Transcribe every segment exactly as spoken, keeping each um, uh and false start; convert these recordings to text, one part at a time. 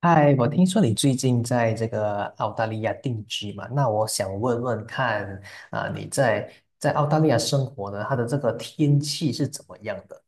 嗨，我听说你最近在这个澳大利亚定居嘛？那我想问问看，啊、你在在澳大利亚生活呢，它的这个天气是怎么样的？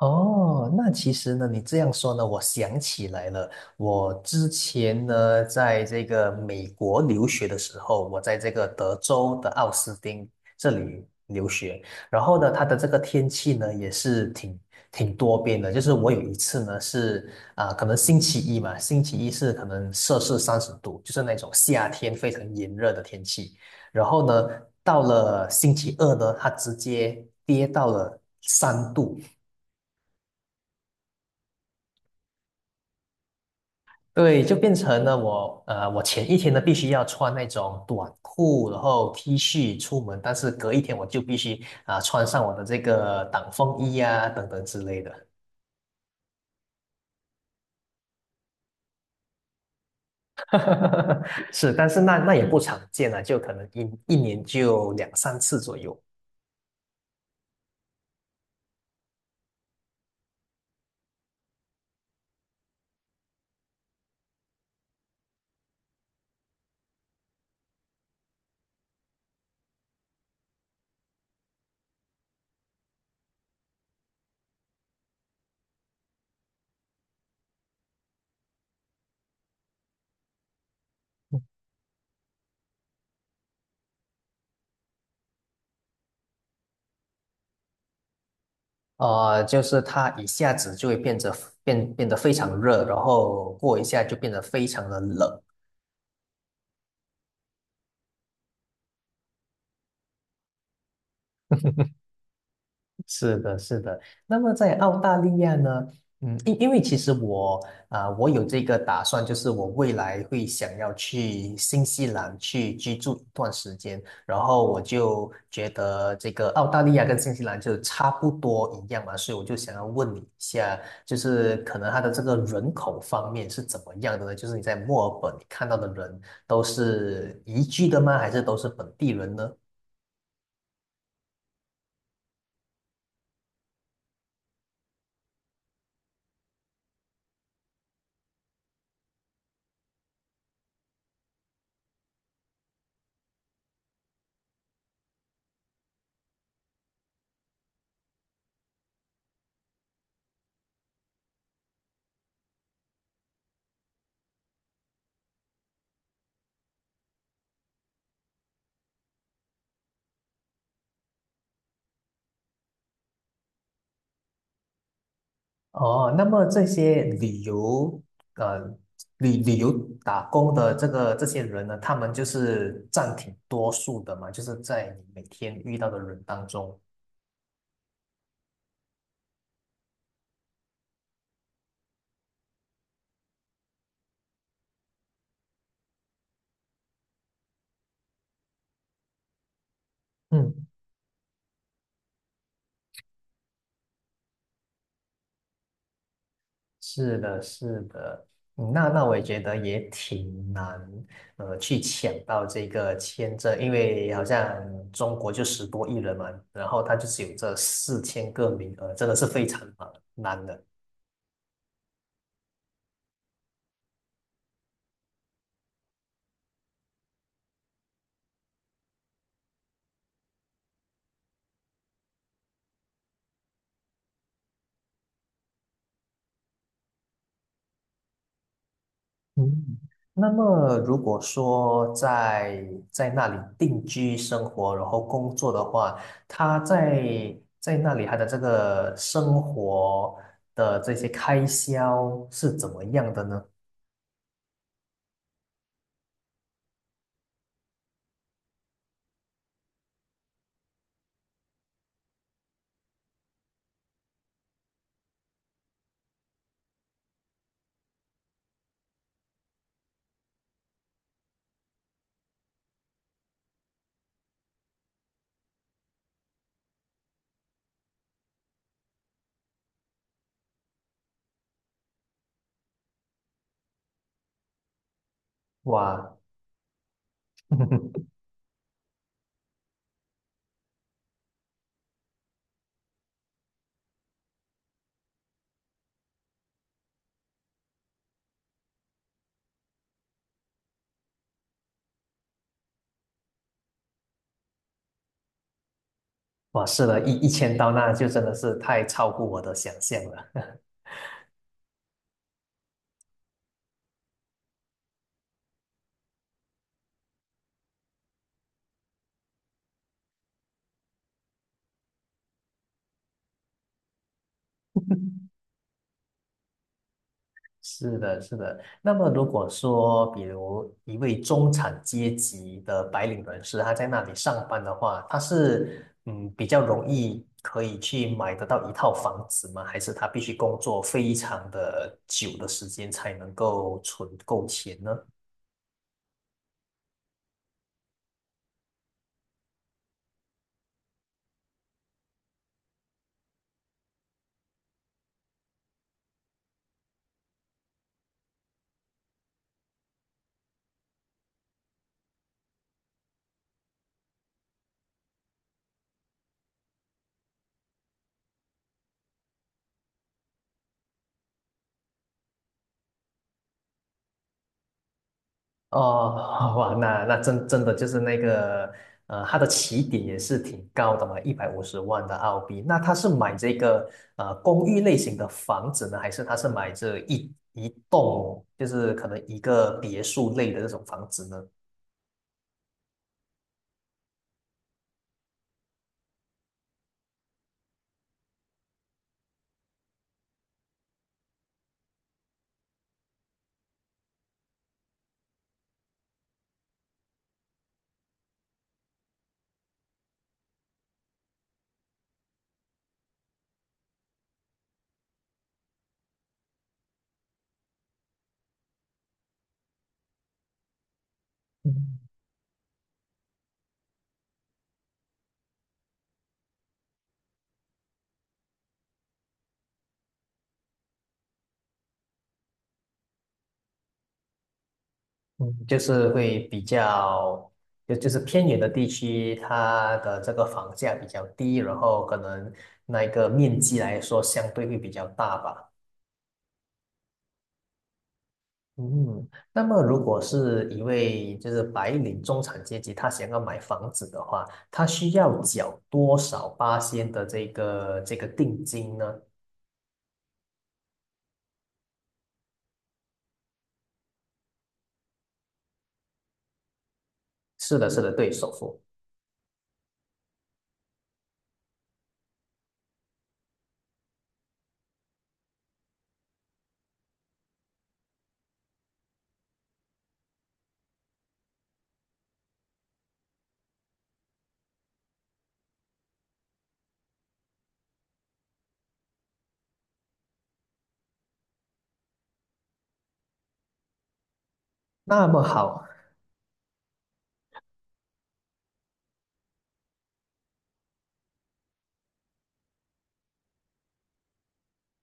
哦，那其实呢，你这样说呢，我想起来了。我之前呢，在这个美国留学的时候，我在这个德州的奥斯汀这里留学，然后呢，它的这个天气呢，也是挺挺多变的。就是我有一次呢，是啊、可能星期一嘛，星期一是可能摄氏三十度，就是那种夏天非常炎热的天气。然后呢，到了星期二呢，它直接跌到了三度，对，就变成了我，呃，我前一天呢必须要穿那种短裤，然后 T 恤出门，但是隔一天我就必须啊、穿上我的这个挡风衣啊等等之类的。是，但是那那也不常见啊，就可能一一年就两三次左右。啊，就是它一下子就会变得变变得非常热，然后过一下就变得非常的冷，是的，是的。那么在澳大利亚呢，嗯，因因为其实我啊、我有这个打算，就是我未来会想要去新西兰去居住一段时间，然后我就觉得这个澳大利亚跟新西兰就差不多一样嘛，所以我就想要问你一下，就是可能它的这个人口方面是怎么样的呢？就是你在墨尔本你看到的人都是移居的吗？还是都是本地人呢？哦，那么这些旅游，呃，旅旅游打工的这个这些人呢，他们就是占挺多数的嘛，就是在你每天遇到的人当中。嗯，是的，是的，嗯那那我也觉得也挺难，呃，去抢到这个签证，因为好像中国就十多亿人嘛，然后他就只有这四千个名额，真的是非常难难的。嗯，那么如果说在在那里定居生活，然后工作的话，他在在那里他的这个生活的这些开销是怎么样的呢？哇，哇，是的，一一千刀，那就真的是太超乎我的想象了。是的，是的。那么，如果说，比如一位中产阶级的白领人士，他在那里上班的话，他是嗯比较容易可以去买得到一套房子吗？还是他必须工作非常的久的时间才能够存够钱呢？哦，哇，那那真真的就是那个，呃，它的起点也是挺高的嘛，一百五十万的澳币。那他是买这个呃公寓类型的房子呢，还是他是买这一一栋，就是可能一个别墅类的这种房子呢？嗯嗯就是会比较，就就是偏远的地区，它的这个房价比较低，然后可能那个面积来说相对会比较大吧。嗯，那么如果是一位就是白领中产阶级，他想要买房子的话，他需要缴多少八仙的这个这个定金呢？是的，是的，对，首付。那么好，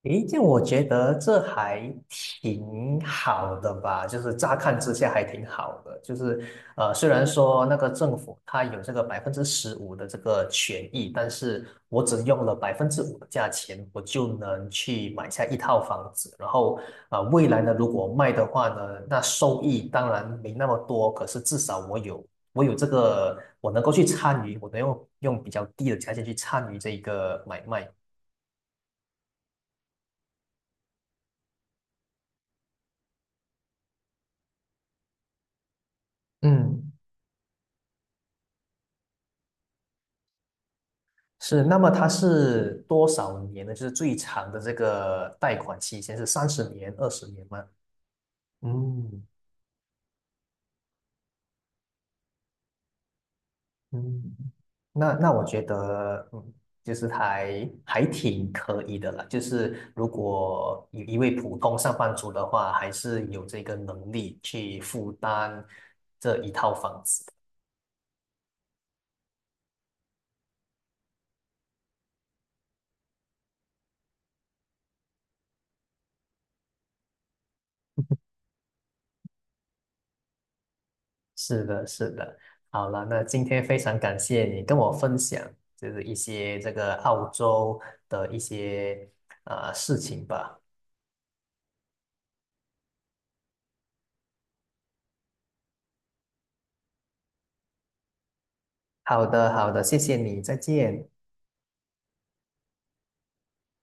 诶，这样我觉得这还挺好的吧，就是乍看之下还挺好的，就是呃，虽然说那个政府它有这个百分之十五的这个权益，但是我只用了百分之五的价钱，我就能去买下一套房子，然后啊，未来呢，如果卖的话呢，那收益当然没那么多，可是至少我有我有这个，我能够去参与，我能用用比较低的价钱去参与这个买卖。嗯。是，那么它是多少年呢？就是最长的这个贷款期限是三十年、二十年吗？嗯嗯，那那我觉得，嗯，就是还还挺可以的啦。就是如果一一位普通上班族的话，还是有这个能力去负担这一套房子。是的，是的。好了，那今天非常感谢你跟我分享，就是一些这个澳洲的一些呃事情吧。好的，好的，谢谢你，再见。